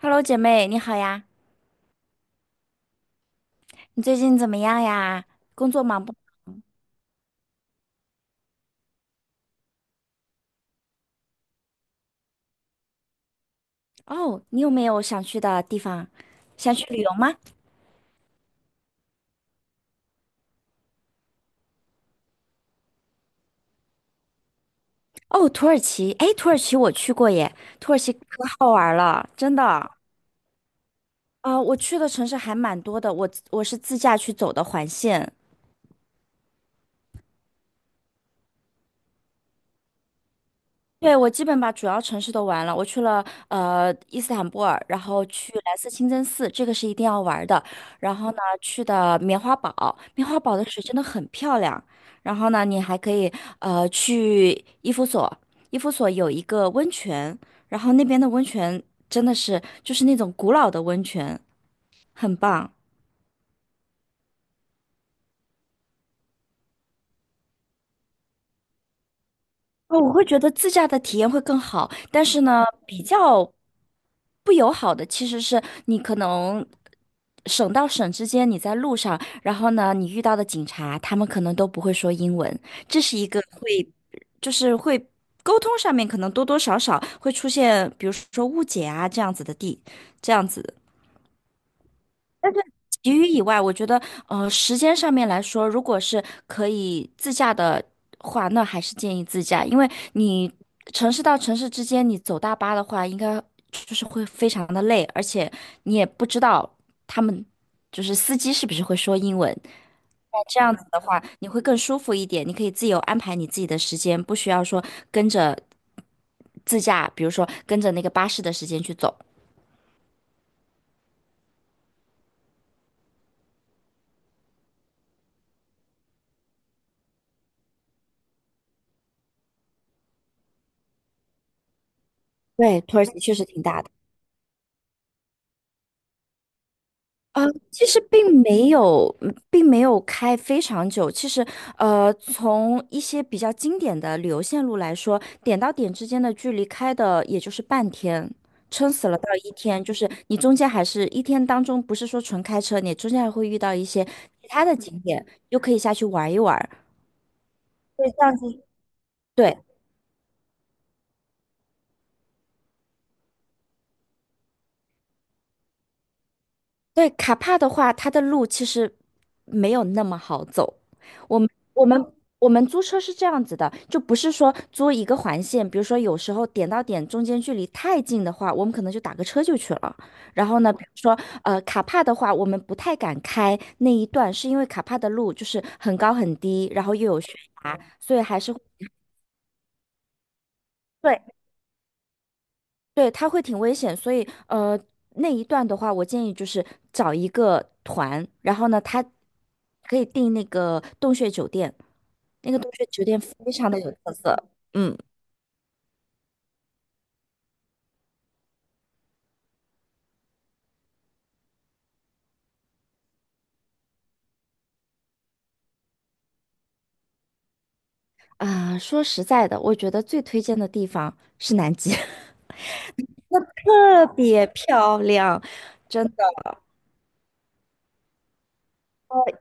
Hello，姐妹，你好呀！你最近怎么样呀？工作忙不忙？哦，你有没有想去的地方？想去旅游吗？哦，土耳其，哎，土耳其我去过耶，土耳其可好玩了，真的。啊、我去的城市还蛮多的，我是自驾去走的环线。对，我基本把主要城市都玩了，我去了伊斯坦布尔，然后去蓝色清真寺，这个是一定要玩的。然后呢，去的棉花堡，棉花堡的水真的很漂亮。然后呢，你还可以去伊夫所，伊夫所有一个温泉，然后那边的温泉真的是就是那种古老的温泉，很棒。哦，我会觉得自驾的体验会更好，但是呢，比较不友好的其实是你可能省到省之间，你在路上，然后呢，你遇到的警察，他们可能都不会说英文，这是一个会，就是会沟通上面可能多多少少会出现，比如说误解啊这样子的地，这样子。其余以外，我觉得，时间上面来说，如果是可以自驾的话，那还是建议自驾，因为你城市到城市之间，你走大巴的话，应该就是会非常的累，而且你也不知道他们就是司机是不是会说英文。那这样子的话，你会更舒服一点，你可以自由安排你自己的时间，不需要说跟着自驾，比如说跟着那个巴士的时间去走。对，土耳其确实挺大的。呃，其实并没有，并没有开非常久。其实，从一些比较经典的旅游线路来说，点到点之间的距离开的也就是半天，撑死了到一天。就是你中间还是一天当中，不是说纯开车，你中间还会遇到一些其他的景点，又可以下去玩一玩。对，这样子。对。对，卡帕的话，它的路其实没有那么好走。我们我们我们租车是这样子的，就不是说租一个环线，比如说有时候点到点中间距离太近的话，我们可能就打个车就去了。然后呢，比如说卡帕的话，我们不太敢开那一段，是因为卡帕的路就是很高很低，然后又有悬崖，所以还是对对，它会挺危险，所以呃，那一段的话，我建议就是找一个团，然后呢，他可以订那个洞穴酒店，那个洞穴酒店非常的有特色。嗯。啊，说实在的，我觉得最推荐的地方是南极，特别漂亮，真。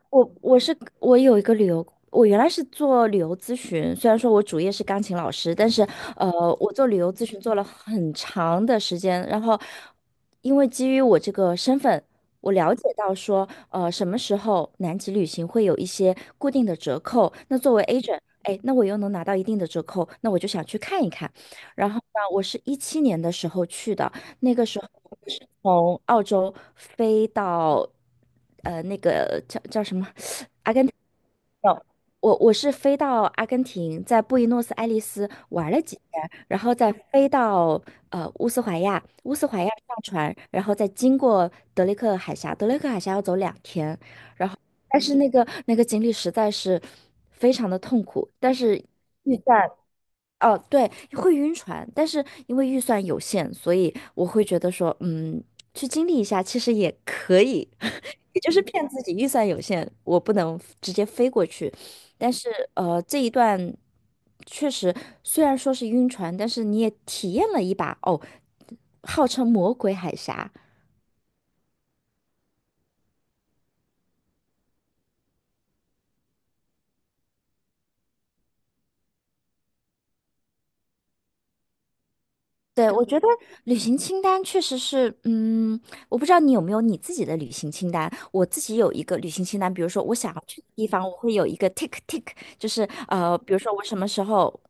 我有一个旅游，我原来是做旅游咨询，虽然说我主业是钢琴老师，但是呃，我做旅游咨询做了很长的时间，然后因为基于我这个身份，我了解到说，什么时候南极旅行会有一些固定的折扣，那作为 agent，哎，那我又能拿到一定的折扣，那我就想去看一看。然后呢，我是17年的时候去的，从澳洲飞到。那个叫什么？有，我是飞到阿根廷，在布宜诺斯艾利斯玩了几天，然后再飞到乌斯怀亚，乌斯怀亚上船，然后再经过德雷克海峡，德雷克海峡要走2天，但是那个经历实在是非常的痛苦，但是。遇在哦，对，会晕船，但是因为预算有限，所以我会觉得说，去经历一下其实也可以，也就是骗自己预算有限，我不能直接飞过去。但是这一段确实虽然说是晕船，但是你也体验了一把哦，号称魔鬼海峡。对，我觉得旅行清单确实是，我不知道你有没有你自己的旅行清单。我自己有一个旅行清单，比如说我想要去的地方，我会有一个 tick tick，就是比如说我什么时候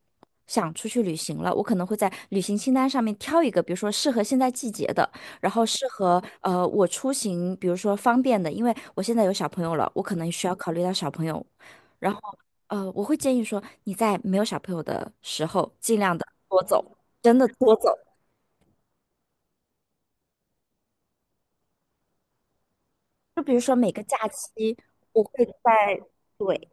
想出去旅行了，我可能会在旅行清单上面挑一个，比如说适合现在季节的，然后适合我出行，比如说方便的，因为我现在有小朋友了，我可能需要考虑到小朋友，然后我会建议说你在没有小朋友的时候，尽量的多走，真的多走。就比如说每个假期，我会在，对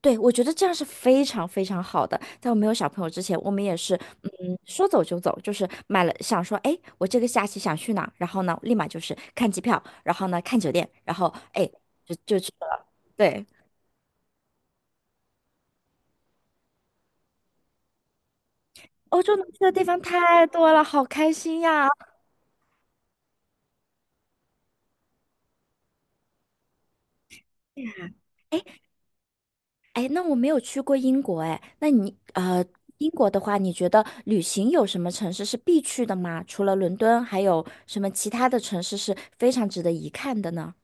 对，我觉得这样是非常非常好的。在我没有小朋友之前，我们也是，嗯，说走就走，就是买了，想说，哎，我这个假期想去哪儿然后呢，立马就是看机票，然后呢，看酒店，然后哎，就去了。对，欧洲能去的地方太多了，好开心呀！哎，哎，那我没有去过英国哎，那你英国的话，你觉得旅行有什么城市是必去的吗？除了伦敦，还有什么其他的城市是非常值得一看的呢？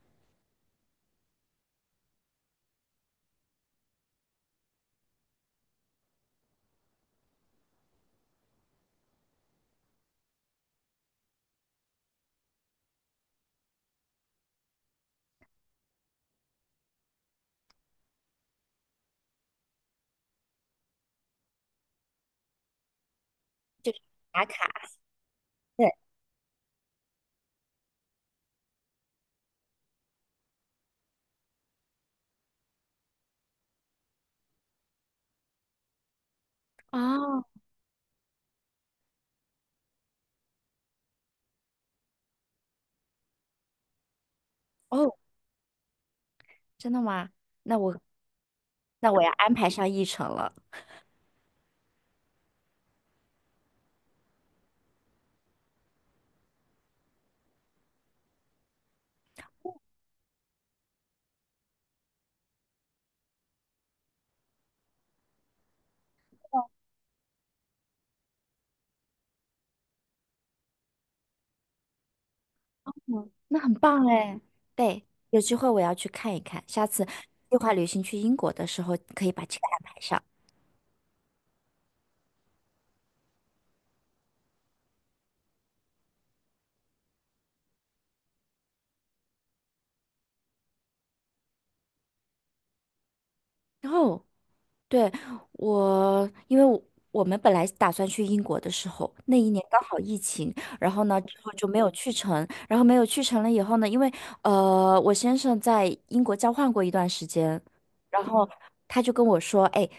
就是打卡。对。哦。哦，真的吗？那我那我要安排上议程了。嗯，那很棒哎。对，有机会我要去看一看，下次计划旅行去英国的时候可以把这个安排上。然后。对，我，因为我我们本来打算去英国的时候，那一年刚好疫情，然后呢之后就没有去成，然后没有去成了以后呢，因为我先生在英国交换过一段时间，然后他就跟我说，哎，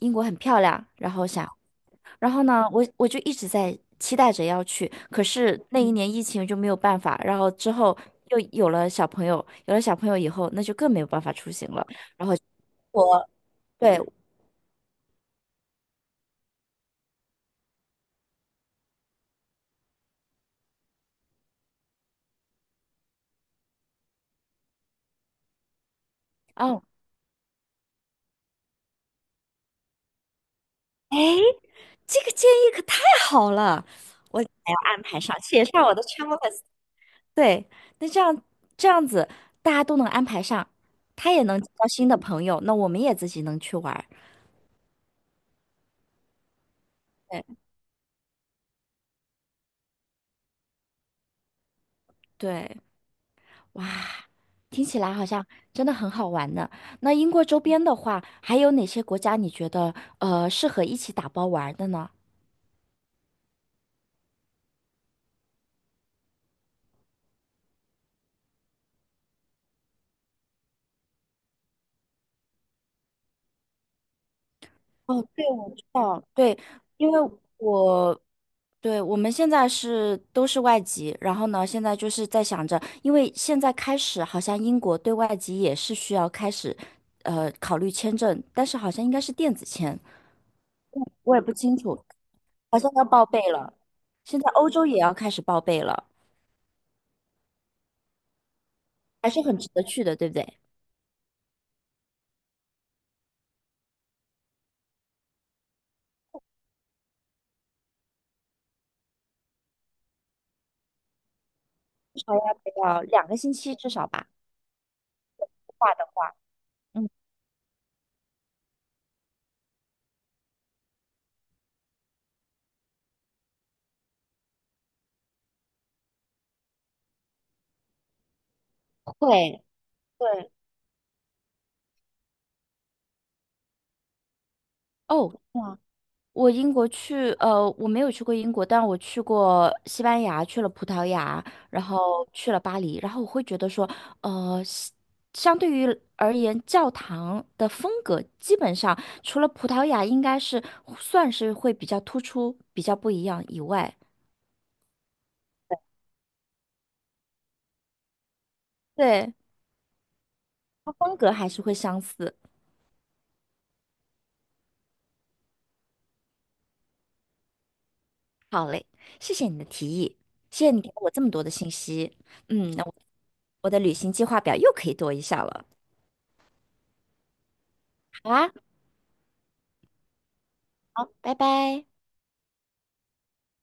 英国很漂亮，然后想，然后呢我就一直在期待着要去，可是那一年疫情就没有办法，然后之后又有了小朋友，有了小朋友以后，那就更没有办法出行了，我。对，哦，哎，这个建议可太好了，我还要安排上，写上我的 checklis。 对，那这样子大家都能安排上，他也能交新的朋友，那我们也自己能去玩儿。对对，哇，听起来好像真的很好玩呢。那英国周边的话，还有哪些国家你觉得适合一起打包玩儿的呢？哦，对，我知道，对，因为我对，我们现在是都是外籍，然后呢，现在就是在想着，因为现在开始好像英国对外籍也是需要开始，考虑签证，但是好像应该是电子签，我也不清楚，好像要报备了。现在欧洲也要开始报备了，还是很值得去的，对不对？要2个星期至少吧，话的话，嗯，会，对，哦，我英国去，我没有去过英国，但我去过西班牙，去了葡萄牙，然后去了巴黎，然后我会觉得说，呃，西相对于而言，教堂的风格基本上除了葡萄牙应该是算是会比较突出、比较不一样以外，对，它风格还是会相似。好嘞，谢谢你的提议，谢谢你给了我这么多的信息，那我的旅行计划表又可以多一项了。好啊，好，拜拜。